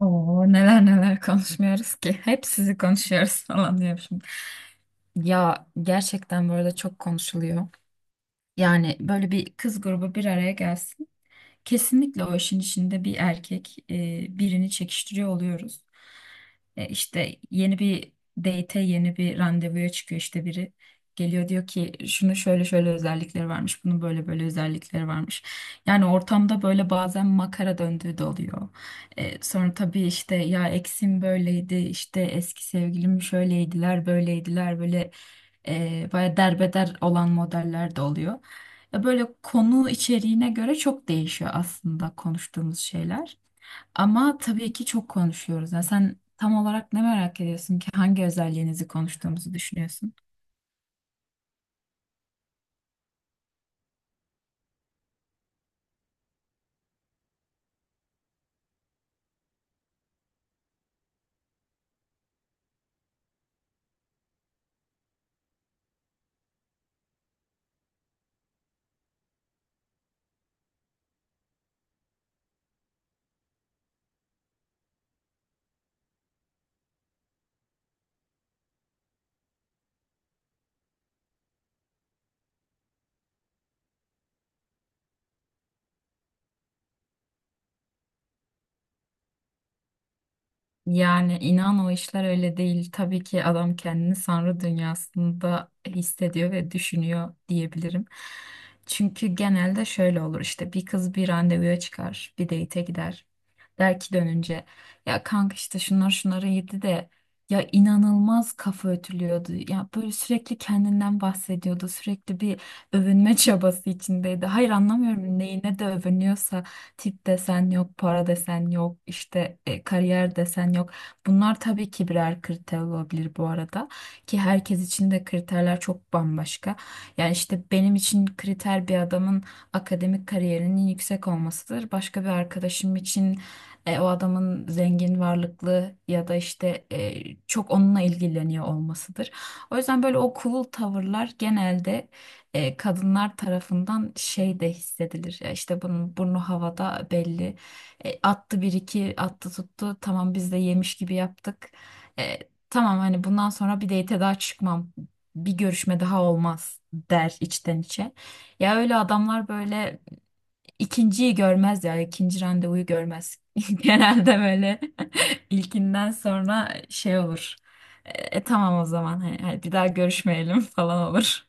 Oo, neler neler konuşmuyoruz ki. Hep sizi konuşuyoruz falan diyorum şimdi. Ya gerçekten bu arada çok konuşuluyor. Yani böyle bir kız grubu bir araya gelsin. Kesinlikle o işin içinde bir erkek birini çekiştiriyor oluyoruz. İşte yeni bir date'e yeni bir randevuya çıkıyor işte biri. Geliyor diyor ki şunu şöyle şöyle özellikleri varmış, bunun böyle böyle özellikleri varmış. Yani ortamda böyle bazen makara döndüğü de oluyor. Sonra tabii işte ya eksim böyleydi, işte eski sevgilim şöyleydiler, böyleydiler, böyle baya derbeder olan modeller de oluyor. Böyle konu içeriğine göre çok değişiyor aslında konuştuğumuz şeyler. Ama tabii ki çok konuşuyoruz. Yani sen tam olarak ne merak ediyorsun ki hangi özelliğinizi konuştuğumuzu düşünüyorsun? Yani inan o işler öyle değil. Tabii ki adam kendini sanrı dünyasında hissediyor ve düşünüyor diyebilirim. Çünkü genelde şöyle olur işte bir kız bir randevuya çıkar, bir date'e gider. Der ki dönünce ya kanka işte şunlar şunları yedi de ya inanılmaz kafa ötülüyordu. Ya böyle sürekli kendinden bahsediyordu. Sürekli bir övünme çabası içindeydi. Hayır anlamıyorum neyine de övünüyorsa tip desen yok, para desen yok, işte kariyer desen yok. Bunlar tabii ki birer kriter olabilir bu arada ki herkes için de kriterler çok bambaşka. Yani işte benim için kriter bir adamın akademik kariyerinin yüksek olmasıdır. Başka bir arkadaşım için o adamın zengin, varlıklı ya da işte çok onunla ilgileniyor olmasıdır. O yüzden böyle o cool tavırlar genelde kadınlar tarafından şey de hissedilir. Ya İşte bunun burnu havada belli. Attı bir iki attı tuttu. Tamam biz de yemiş gibi yaptık. E, tamam hani bundan sonra bir date daha çıkmam. Bir görüşme daha olmaz der içten içe. Ya öyle adamlar böyle ikinciyi görmez ya ikinci randevuyu görmez. Genelde böyle ilkinden sonra şey olur. E, tamam o zaman hani bir daha görüşmeyelim falan olur.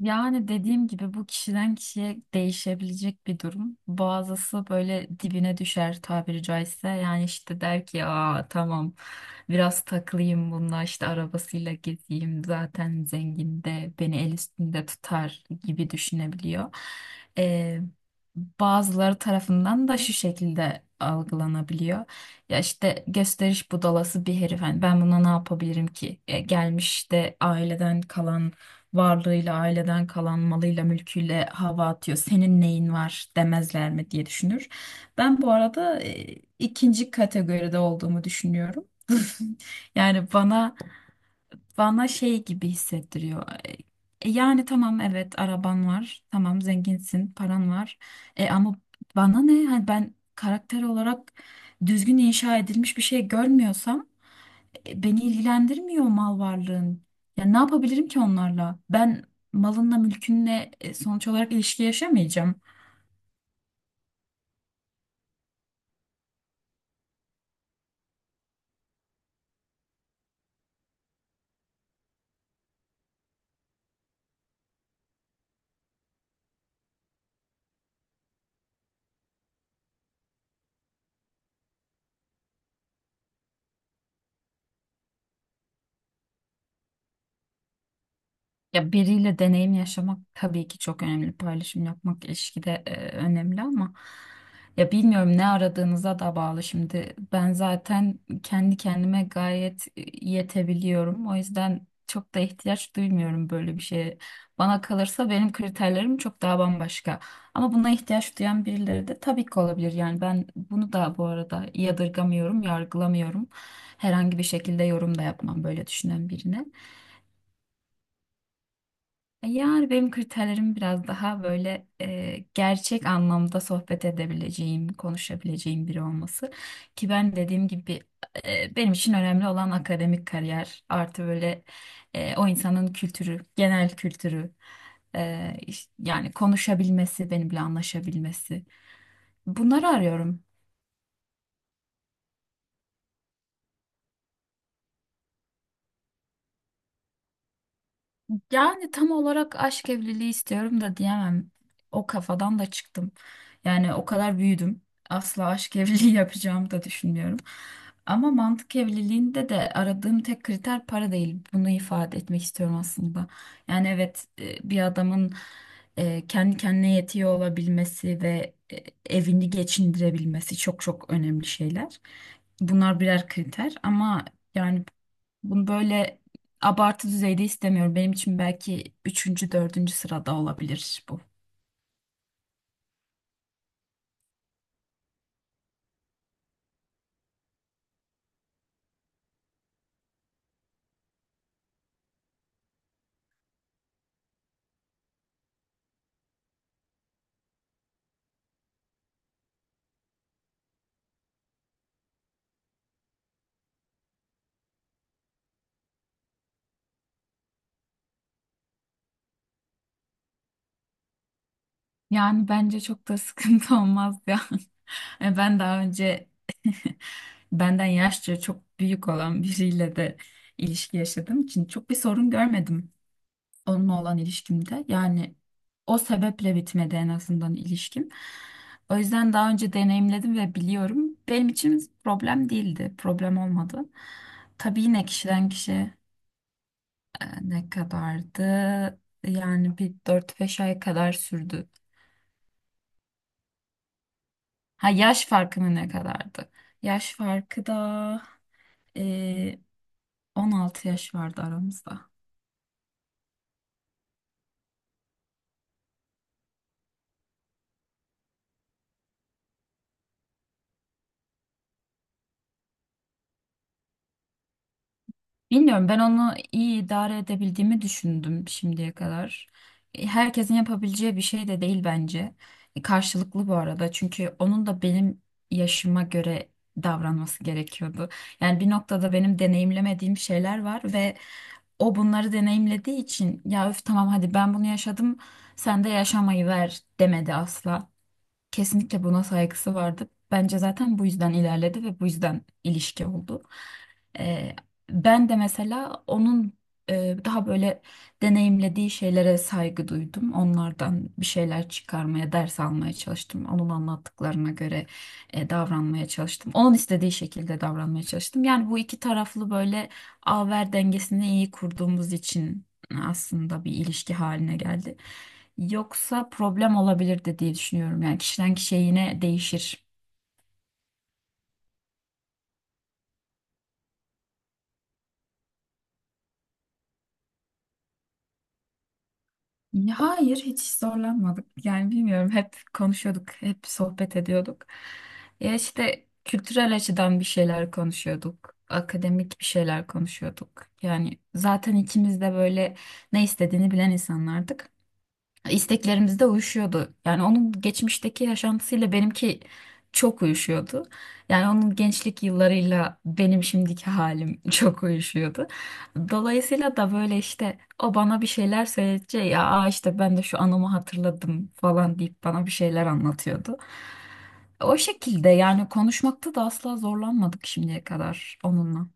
Yani dediğim gibi bu kişiden kişiye değişebilecek bir durum. Bazısı böyle dibine düşer tabiri caizse. Yani işte der ki aa tamam biraz takılayım bununla işte arabasıyla gezeyim zaten zengin de beni el üstünde tutar gibi düşünebiliyor. Ee, bazıları tarafından da şu şekilde algılanabiliyor. Ya işte gösteriş budalası bir herif. Hani ben buna ne yapabilirim ki? Gelmiş de aileden kalan varlığıyla, aileden kalan malıyla, mülküyle hava atıyor. Senin neyin var demezler mi diye düşünür. Ben bu arada ikinci kategoride olduğumu düşünüyorum. Yani bana şey gibi hissettiriyor. Yani tamam evet araban var. Tamam zenginsin, paran var. E ama bana ne? Hani ben karakter olarak düzgün inşa edilmiş bir şey görmüyorsam beni ilgilendirmiyor mal varlığın. Ya ne yapabilirim ki onlarla? Ben malınla mülkünle sonuç olarak ilişki yaşamayacağım. Ya biriyle deneyim yaşamak tabii ki çok önemli. Paylaşım yapmak ilişkide önemli ama ya bilmiyorum ne aradığınıza da bağlı. Şimdi ben zaten kendi kendime gayet yetebiliyorum. O yüzden çok da ihtiyaç duymuyorum böyle bir şeye. Bana kalırsa benim kriterlerim çok daha bambaşka. Ama buna ihtiyaç duyan birileri de tabii ki olabilir. Yani ben bunu da bu arada yadırgamıyorum, yargılamıyorum. Herhangi bir şekilde yorum da yapmam böyle düşünen birine. Yani benim kriterlerim biraz daha böyle gerçek anlamda sohbet edebileceğim, konuşabileceğim biri olması. Ki ben dediğim gibi benim için önemli olan akademik kariyer artı böyle o insanın kültürü, genel kültürü, yani konuşabilmesi, benimle anlaşabilmesi. Bunları arıyorum. Yani tam olarak aşk evliliği istiyorum da diyemem. O kafadan da çıktım. Yani o kadar büyüdüm. Asla aşk evliliği yapacağımı da düşünmüyorum. Ama mantık evliliğinde de aradığım tek kriter para değil. Bunu ifade etmek istiyorum aslında. Yani evet bir adamın kendi kendine yetiyor olabilmesi ve evini geçindirebilmesi çok çok önemli şeyler. Bunlar birer kriter ama yani bunu böyle abartı düzeyde istemiyorum. Benim için belki üçüncü, dördüncü sırada olabilir bu. Yani bence çok da sıkıntı olmaz ya. Ben daha önce benden yaşça çok büyük olan biriyle de ilişki yaşadığım için çok bir sorun görmedim onunla olan ilişkimde. Yani o sebeple bitmedi en azından ilişkim. O yüzden daha önce deneyimledim ve biliyorum. Benim için problem değildi, problem olmadı. Tabii yine kişiden kişiye ne kadardı? Yani bir 4-5 ay kadar sürdü. Ha yaş farkı mı ne kadardı? Yaş farkı da eee, 16 yaş vardı aramızda. Bilmiyorum ben onu iyi idare edebildiğimi düşündüm şimdiye kadar. Herkesin yapabileceği bir şey de değil bence. Karşılıklı bu arada çünkü onun da benim yaşıma göre davranması gerekiyordu. Yani bir noktada benim deneyimlemediğim şeyler var ve o bunları deneyimlediği için ya öf tamam hadi ben bunu yaşadım sen de yaşamayı ver demedi asla. Kesinlikle buna saygısı vardı. Bence zaten bu yüzden ilerledi ve bu yüzden ilişki oldu. Ee, ben de mesela onun daha böyle deneyimlediği şeylere saygı duydum. Onlardan bir şeyler çıkarmaya, ders almaya çalıştım. Onun anlattıklarına göre davranmaya çalıştım. Onun istediği şekilde davranmaya çalıştım. Yani bu iki taraflı böyle ver dengesini iyi kurduğumuz için aslında bir ilişki haline geldi. Yoksa problem olabilirdi diye düşünüyorum. Yani kişiden kişiye yine değişir. Ya hayır, hiç zorlanmadık. Yani bilmiyorum, hep konuşuyorduk, hep sohbet ediyorduk. Ya işte kültürel açıdan bir şeyler konuşuyorduk, akademik bir şeyler konuşuyorduk. Yani zaten ikimiz de böyle ne istediğini bilen insanlardık. İsteklerimiz de uyuşuyordu. Yani onun geçmişteki yaşantısıyla benimki çok uyuşuyordu. Yani onun gençlik yıllarıyla benim şimdiki halim çok uyuşuyordu. Dolayısıyla da böyle işte o bana bir şeyler söyleyince ya "Aa işte ben de şu anımı hatırladım" falan deyip bana bir şeyler anlatıyordu. O şekilde yani konuşmakta da asla zorlanmadık şimdiye kadar onunla.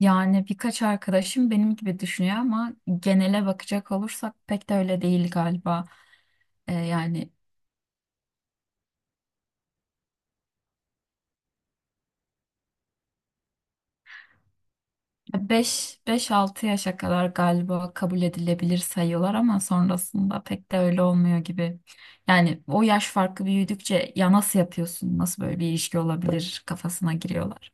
Yani birkaç arkadaşım benim gibi düşünüyor ama genele bakacak olursak pek de öyle değil galiba. Yani beş altı yaşa kadar galiba kabul edilebilir sayıyorlar ama sonrasında pek de öyle olmuyor gibi. Yani o yaş farkı büyüdükçe ya nasıl yapıyorsun, nasıl böyle bir ilişki olabilir kafasına giriyorlar.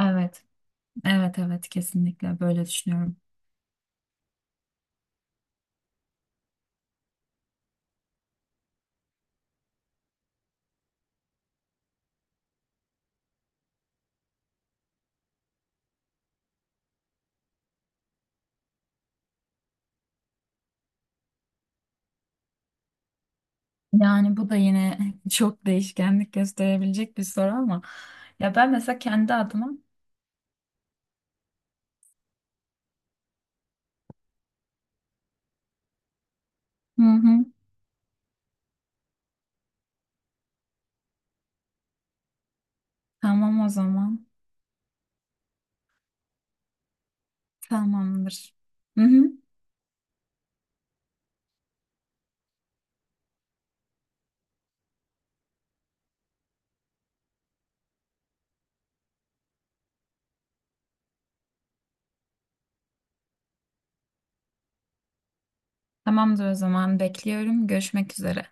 Evet, evet, evet, kesinlikle böyle düşünüyorum. Yani bu da yine çok değişkenlik gösterebilecek bir soru ama ya ben mesela kendi adıma hı hı, tamam o zaman tamamdır. Hı hı, tamamdır o zaman bekliyorum. Görüşmek üzere.